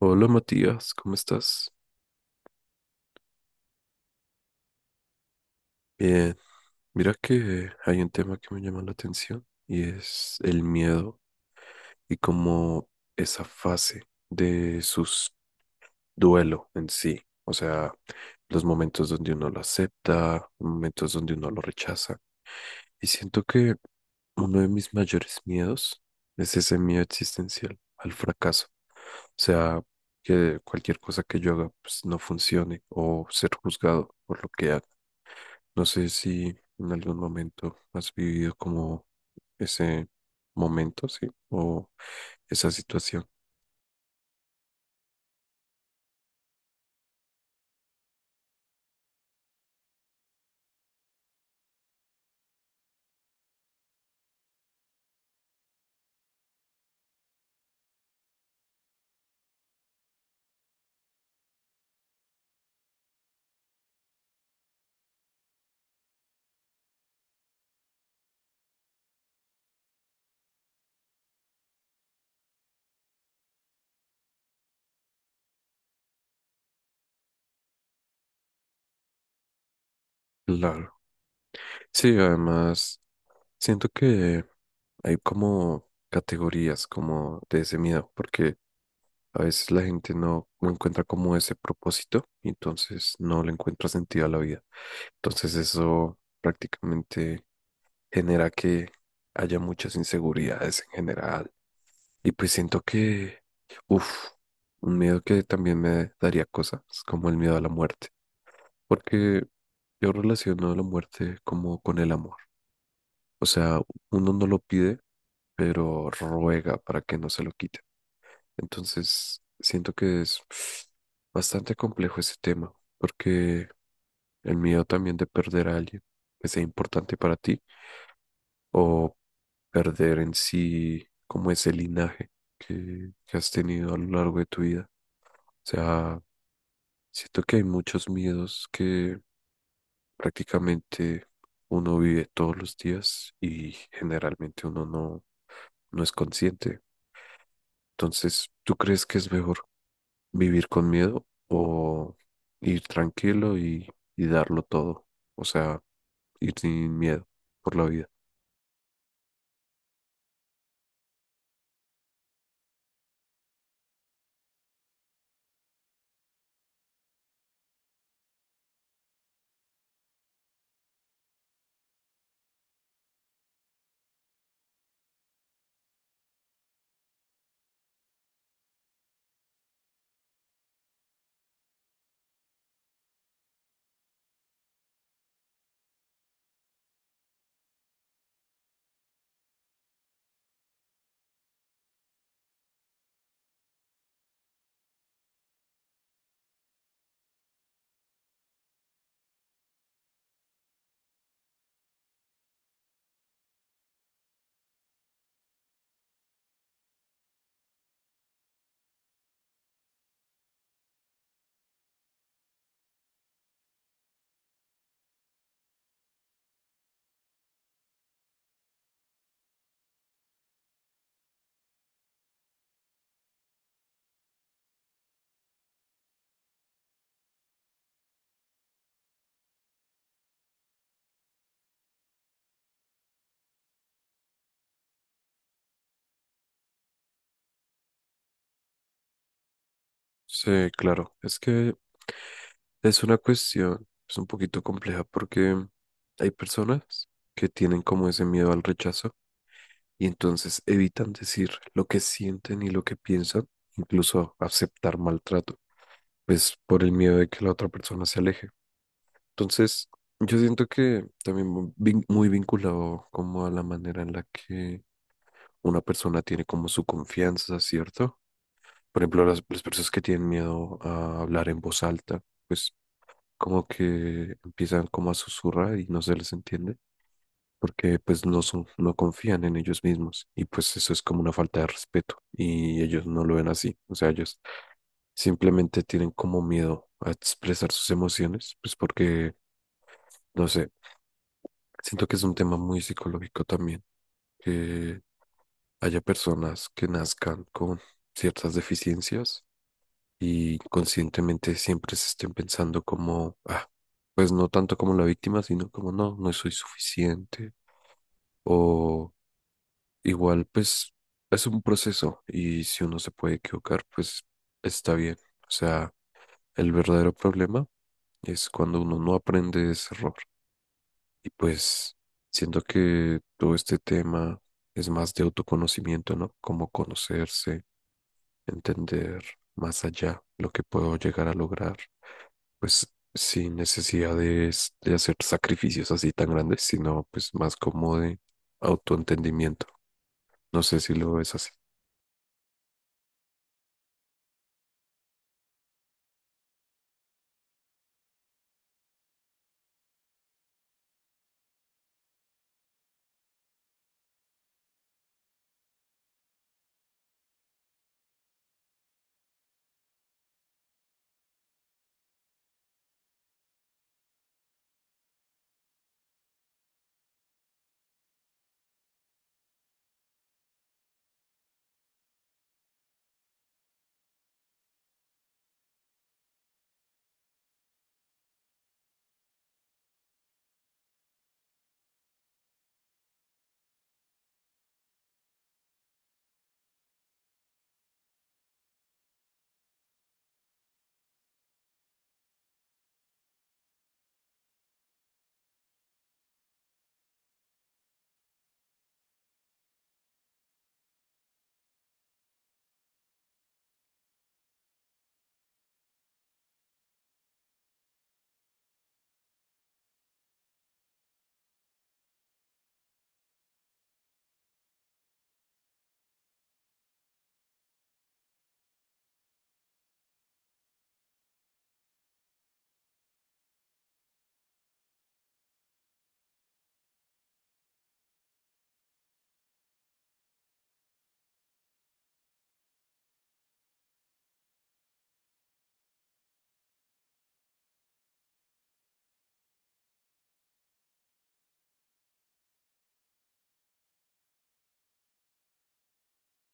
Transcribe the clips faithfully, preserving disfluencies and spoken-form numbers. Hola Matías, ¿cómo estás? Bien, mira que hay un tema que me llama la atención y es el miedo y como esa fase de su duelo en sí, o sea, los momentos donde uno lo acepta, momentos donde uno lo rechaza. Y siento que uno de mis mayores miedos es ese miedo existencial al fracaso, o sea, que cualquier cosa que yo haga pues, no funcione o ser juzgado por lo que haga. No sé si en algún momento has vivido como ese momento, sí, o esa situación. Claro. Sí, además, siento que hay como categorías como de ese miedo, porque a veces la gente no, no encuentra como ese propósito y entonces no le encuentra sentido a la vida. Entonces eso prácticamente genera que haya muchas inseguridades en general. Y pues siento que, uff, un miedo que también me daría cosas, como el miedo a la muerte, porque yo relaciono la muerte como con el amor. O sea, uno no lo pide, pero ruega para que no se lo quite. Entonces, siento que es bastante complejo ese tema, porque el miedo también de perder a alguien que sea importante para ti o perder en sí como ese linaje que, que has tenido a lo largo de tu vida. O sea, siento que hay muchos miedos que prácticamente uno vive todos los días y generalmente uno no, no es consciente. Entonces, ¿tú crees que es mejor vivir con miedo o ir tranquilo y, y darlo todo? O sea, ir sin miedo por la vida. Sí, claro, es que es una cuestión pues, un poquito compleja porque hay personas que tienen como ese miedo al rechazo y entonces evitan decir lo que sienten y lo que piensan, incluso aceptar maltrato, pues por el miedo de que la otra persona se aleje. Entonces, yo siento que también mu- vin- muy vinculado como a la manera en la que una persona tiene como su confianza, ¿cierto? Por ejemplo, las, las personas que tienen miedo a hablar en voz alta, pues como que empiezan como a susurrar y no se les entiende, porque pues no son, no confían en ellos mismos y pues eso es como una falta de respeto y ellos no lo ven así, o sea, ellos simplemente tienen como miedo a expresar sus emociones, pues porque, no sé, siento que es un tema muy psicológico también, que haya personas que nazcan con ciertas deficiencias y conscientemente siempre se estén pensando como, ah, pues no tanto como la víctima, sino como no, no soy suficiente. O igual, pues es un proceso y si uno se puede equivocar, pues está bien. O sea, el verdadero problema es cuando uno no aprende de ese error. Y pues siento que todo este tema es más de autoconocimiento, ¿no? Como conocerse, entender más allá lo que puedo llegar a lograr pues sin necesidad de, s- de hacer sacrificios así tan grandes, sino pues más como de autoentendimiento. No sé si lo ves así.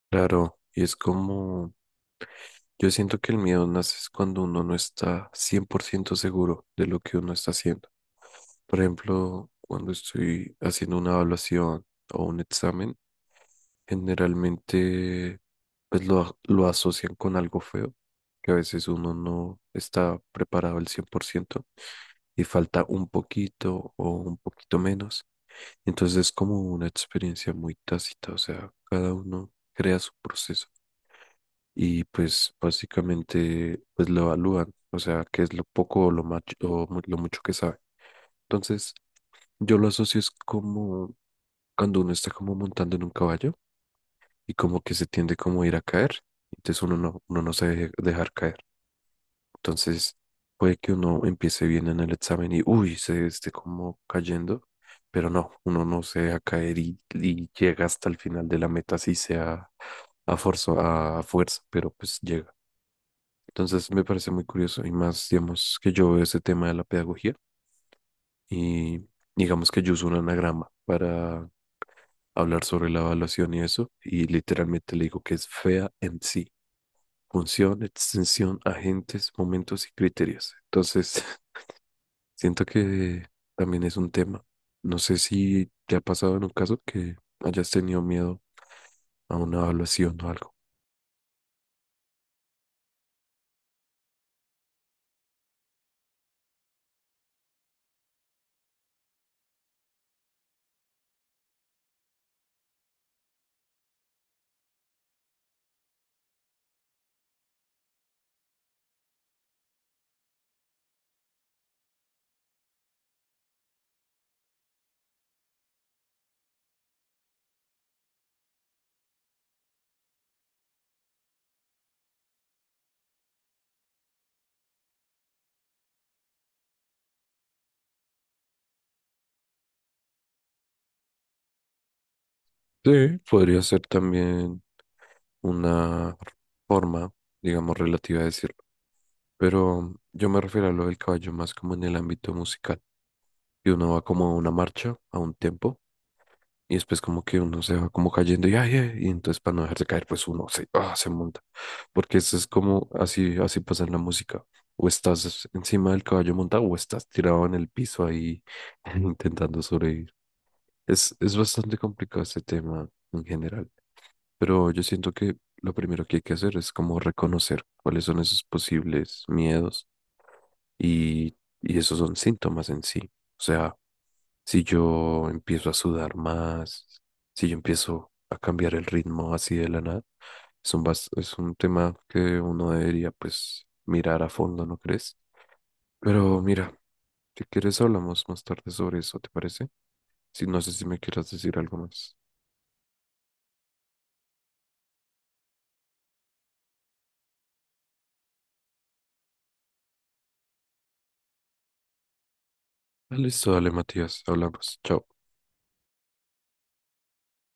Claro, y es como, yo siento que el miedo nace es cuando uno no está cien por ciento seguro de lo que uno está haciendo. Por ejemplo, cuando estoy haciendo una evaluación o un examen, generalmente pues lo, a- lo asocian con algo feo, que a veces uno no está preparado al cien por ciento y falta un poquito o un poquito menos. Entonces es como una experiencia muy tácita, o sea, cada uno crea su proceso y pues básicamente pues lo evalúan, o sea, qué es lo poco o lo, macho, o mu- lo mucho que sabe. Entonces yo lo asocio es como cuando uno está como montando en un caballo y como que se tiende como a ir a caer, entonces uno no, uno no se deje dejar caer. Entonces puede que uno empiece bien en el examen y, uy, se esté como cayendo, pero no, uno no se deja caer y, y llega hasta el final de la meta, así sea a forzo- a fuerza, pero pues llega. Entonces me parece muy curioso y más, digamos, que yo veo ese tema de la pedagogía y digamos que yo uso un anagrama para hablar sobre la evaluación y eso y literalmente le digo que es fea en sí: función, extensión, agentes, momentos y criterios. Entonces, siento que también es un tema. No sé si te ha pasado en un caso que hayas tenido miedo a una evaluación o algo. Sí, podría ser también una forma, digamos, relativa de decirlo. Pero yo me refiero a lo del caballo más como en el ámbito musical. Y uno va como a una marcha, a un tempo, y después como que uno se va como cayendo y, ay, ay, y entonces para no dejarse caer, pues uno se, ah, se monta. Porque eso es como así, así pasa en la música. O estás encima del caballo montado o estás tirado en el piso ahí intentando sobrevivir. Es, es bastante complicado este tema en general. Pero yo siento que lo primero que hay que hacer es como reconocer cuáles son esos posibles miedos y, y esos son síntomas en sí. O sea, si yo empiezo a sudar más, si yo empiezo a cambiar el ritmo así de la nada, es un, bas- es un tema que uno debería pues mirar a fondo, ¿no crees? Pero mira, si quieres hablamos más tarde sobre eso, ¿te parece? Si no sé si me quieras decir algo más. Listo, dale, Matías, hablamos. Chao.